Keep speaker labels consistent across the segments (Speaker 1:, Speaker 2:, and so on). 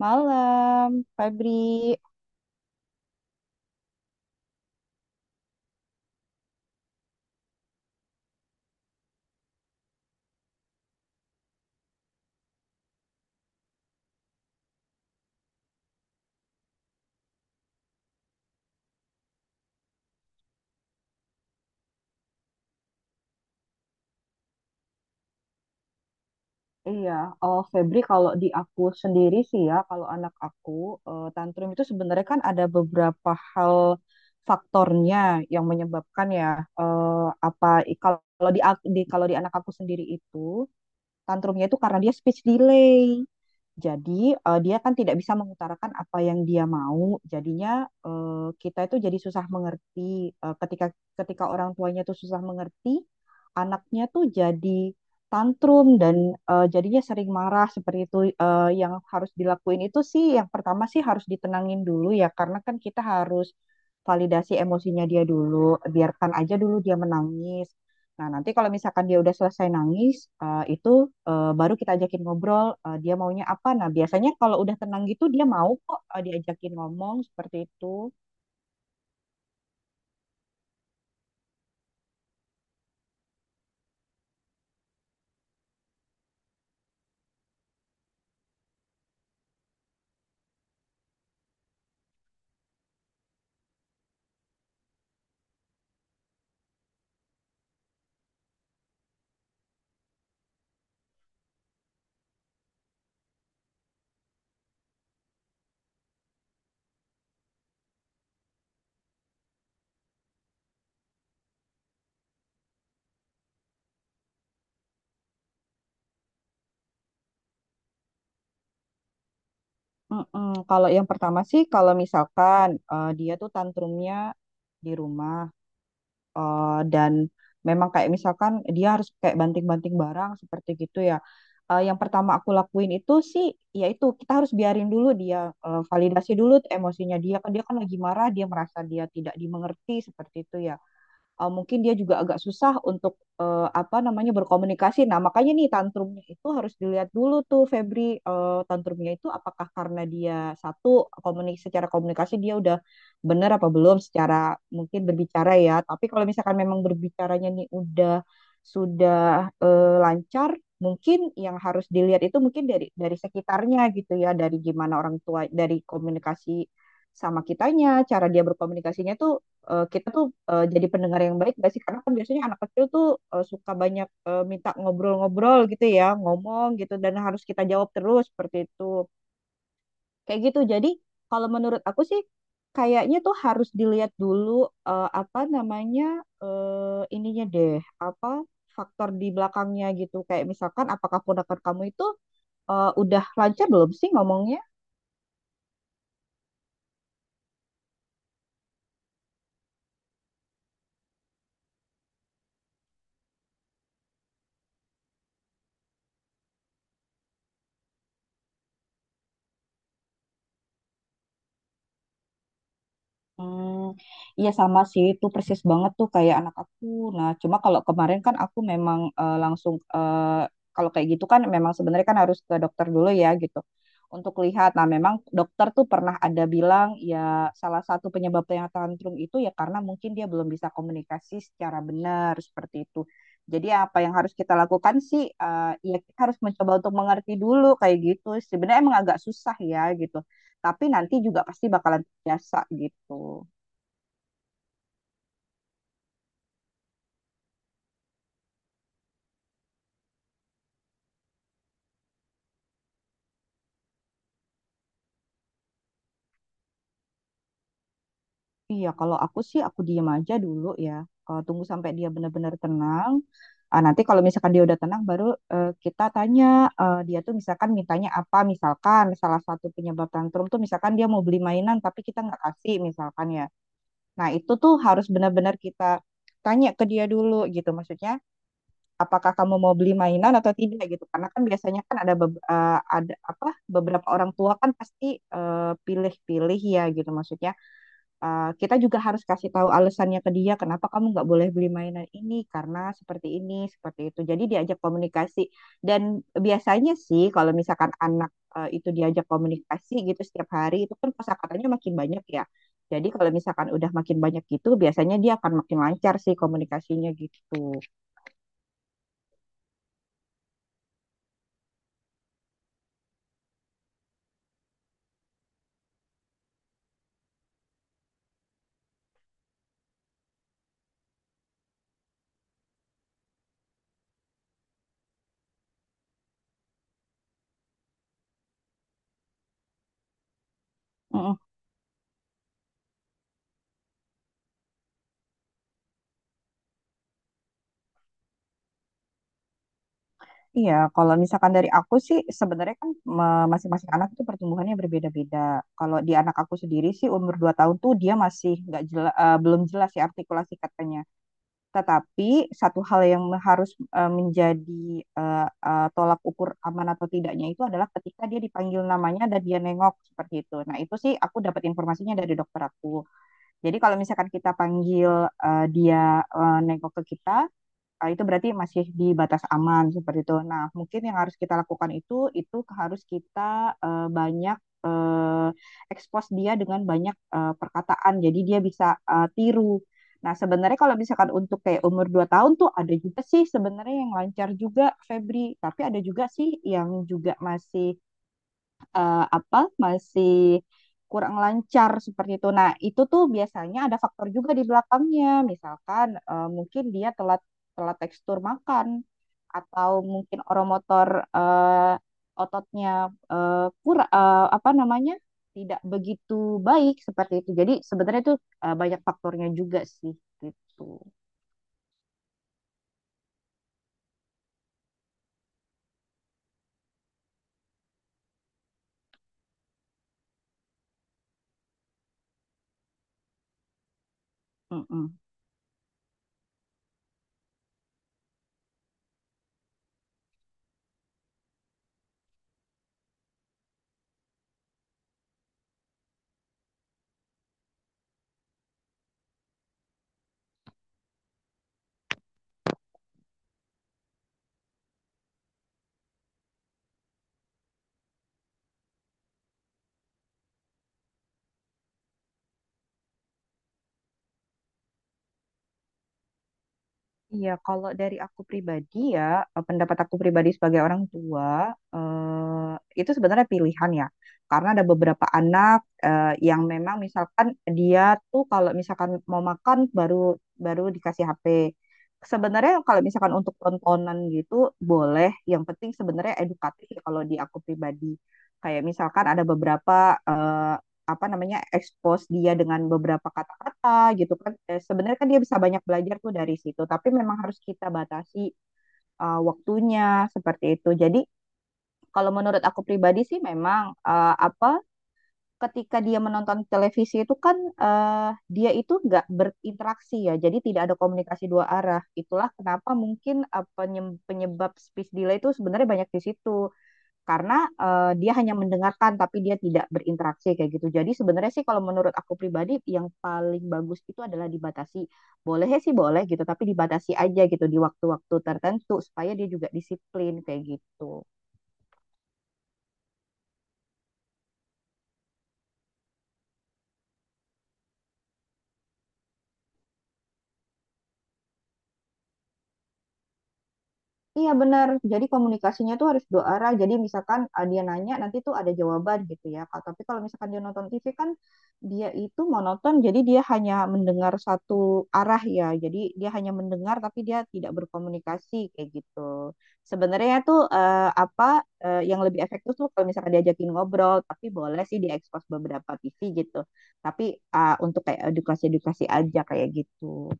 Speaker 1: Malam, Febri. Iya, oh Febri, kalau di aku sendiri sih ya, kalau anak aku tantrum itu sebenarnya kan ada beberapa hal faktornya yang menyebabkan ya, eh, apa i- kalau di anak aku sendiri itu tantrumnya itu karena dia speech delay. Jadi dia kan tidak bisa mengutarakan apa yang dia mau. Jadinya kita itu jadi susah mengerti. Ketika ketika orang tuanya tuh susah mengerti, anaknya tuh jadi tantrum dan jadinya sering marah seperti itu. Yang harus dilakuin itu sih yang pertama sih harus ditenangin dulu ya, karena kan kita harus validasi emosinya dia dulu. Biarkan aja dulu dia menangis. Nah, nanti kalau misalkan dia udah selesai nangis, eh, itu baru kita ajakin ngobrol, dia maunya apa. Nah, biasanya kalau udah tenang gitu, dia mau kok, diajakin ngomong seperti itu. Mm-mm. Kalau yang pertama sih, kalau misalkan dia tuh tantrumnya di rumah, dan memang kayak misalkan dia harus kayak banting-banting barang seperti gitu ya. Yang pertama aku lakuin itu sih, yaitu kita harus biarin dulu dia, validasi dulu tuh emosinya dia kan lagi marah, dia merasa dia tidak dimengerti seperti itu ya, mungkin dia juga agak susah untuk apa namanya berkomunikasi. Nah, makanya nih tantrumnya itu harus dilihat dulu tuh, Febri, tantrumnya itu apakah karena dia, satu, secara komunikasi dia udah benar apa belum, secara mungkin berbicara ya. Tapi kalau misalkan memang berbicaranya nih udah sudah lancar. Mungkin yang harus dilihat itu mungkin dari sekitarnya gitu ya, dari gimana orang tua, dari komunikasi sama kitanya, cara dia berkomunikasinya tuh, kita tuh jadi pendengar yang baik gak sih? Karena kan biasanya anak kecil tuh suka banyak minta ngobrol-ngobrol gitu ya, ngomong gitu dan harus kita jawab terus seperti itu. Kayak gitu. Jadi kalau menurut aku sih kayaknya tuh harus dilihat dulu apa namanya, ininya deh, apa faktor di belakangnya gitu. Kayak misalkan apakah ponakan kamu itu udah lancar belum sih ngomongnya? Hmm, iya sama sih itu persis banget tuh kayak anak aku. Nah, cuma kalau kemarin kan aku memang, langsung, kalau kayak gitu kan memang sebenarnya kan harus ke dokter dulu ya gitu untuk lihat. Nah, memang dokter tuh pernah ada bilang ya, salah satu penyebab yang tantrum itu ya karena mungkin dia belum bisa komunikasi secara benar seperti itu. Jadi apa yang harus kita lakukan sih, ya kita harus mencoba untuk mengerti dulu kayak gitu. Sebenarnya emang agak susah ya gitu. Tapi nanti juga pasti bakalan biasa gitu. Iya, kalau aku sih aku diem aja dulu ya. Tunggu sampai dia benar-benar tenang. Ah, nanti kalau misalkan dia udah tenang, baru kita tanya dia tuh misalkan mintanya apa. Misalkan salah satu penyebab tantrum tuh misalkan dia mau beli mainan tapi kita nggak kasih misalkan ya. Nah, itu tuh harus benar-benar kita tanya ke dia dulu gitu. Maksudnya apakah kamu mau beli mainan atau tidak gitu. Karena kan biasanya kan ada beb- eh, ada apa beberapa orang tua kan pasti eh, pilih-pilih ya gitu, maksudnya Kita juga harus kasih tahu alasannya ke dia kenapa kamu nggak boleh beli mainan ini, karena seperti ini seperti itu, jadi diajak komunikasi. Dan biasanya sih kalau misalkan anak itu diajak komunikasi gitu setiap hari, itu kan kosakatanya makin banyak ya, jadi kalau misalkan udah makin banyak gitu, biasanya dia akan makin lancar sih komunikasinya gitu. Iya, kalau misalkan dari aku sih sebenarnya kan masing-masing anak itu pertumbuhannya berbeda-beda. Kalau di anak aku sendiri sih umur 2 tahun tuh dia masih nggak jela- eh, belum jelas ya artikulasi katanya. Tetapi satu hal yang harus menjadi tolak ukur aman atau tidaknya itu adalah ketika dia dipanggil namanya dan dia nengok seperti itu. Nah, itu sih aku dapat informasinya dari dokter aku. Jadi kalau misalkan kita panggil dia nengok ke kita, ah, itu berarti masih di batas aman seperti itu. Nah, mungkin yang harus kita lakukan itu harus kita banyak eh, expose dia dengan banyak perkataan. Jadi dia bisa tiru. Nah, sebenarnya kalau misalkan untuk kayak umur 2 tahun tuh ada juga sih sebenarnya yang lancar juga, Febri. Tapi ada juga sih yang juga masih apa, masih kurang lancar seperti itu. Nah, itu tuh biasanya ada faktor juga di belakangnya. Misalkan mungkin dia telat telat tekstur makan, atau mungkin oromotor, eh, ototnya eh, kurang, apa namanya, tidak begitu baik seperti itu. Jadi sebenarnya itu banyak faktornya juga sih gitu. Mm-mm. Iya, kalau dari aku pribadi ya, pendapat aku pribadi sebagai orang tua, eh, itu sebenarnya pilihan ya. Karena ada beberapa anak yang memang misalkan dia tuh kalau misalkan mau makan, baru baru dikasih HP. Sebenarnya kalau misalkan untuk tontonan gitu boleh, yang penting sebenarnya edukatif ya kalau di aku pribadi. Kayak misalkan ada beberapa eh, apa namanya, expose dia dengan beberapa kata-kata gitu kan. Sebenarnya kan dia bisa banyak belajar tuh dari situ, tapi memang harus kita batasi waktunya seperti itu. Jadi kalau menurut aku pribadi sih memang, apa, ketika dia menonton televisi itu kan eh, dia itu nggak berinteraksi ya, jadi tidak ada komunikasi dua arah. Itulah kenapa mungkin penyebab speech delay itu sebenarnya banyak di situ, karena dia hanya mendengarkan tapi dia tidak berinteraksi kayak gitu. Jadi sebenarnya sih kalau menurut aku pribadi yang paling bagus itu adalah dibatasi. Boleh sih boleh gitu, tapi dibatasi aja gitu di waktu-waktu tertentu supaya dia juga disiplin kayak gitu. Iya, benar. Jadi komunikasinya tuh harus dua arah. Jadi misalkan, ah, dia nanya nanti tuh ada jawaban gitu ya. Kak. Tapi kalau misalkan dia nonton TV kan dia itu monoton. Jadi dia hanya mendengar satu arah ya. Jadi dia hanya mendengar tapi dia tidak berkomunikasi kayak gitu. Sebenarnya tuh apa, yang lebih efektif tuh kalau misalkan diajakin ngobrol. Tapi boleh sih diekspos beberapa TV gitu. Tapi ah, untuk kayak edukasi-edukasi aja kayak gitu.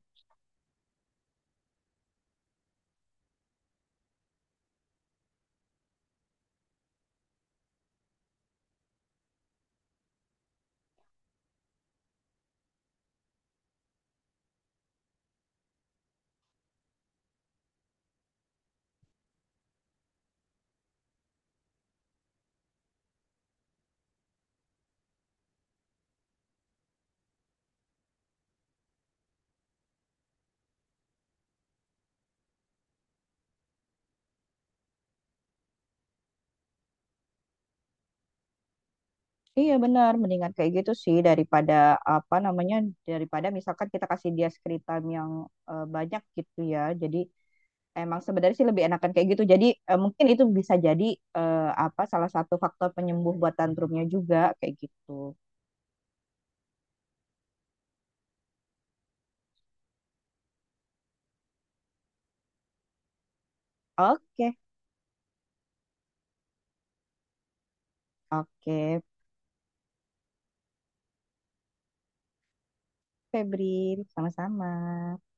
Speaker 1: Iya, benar, mendingan kayak gitu sih daripada apa namanya, daripada misalkan kita kasih dia screen time yang banyak gitu ya. Jadi emang sebenarnya sih lebih enakan kayak gitu. Jadi mungkin itu bisa jadi eh, apa salah satu faktor penyembuh buat tantrumnya juga kayak gitu. Oke, oke, Febri, sama-sama.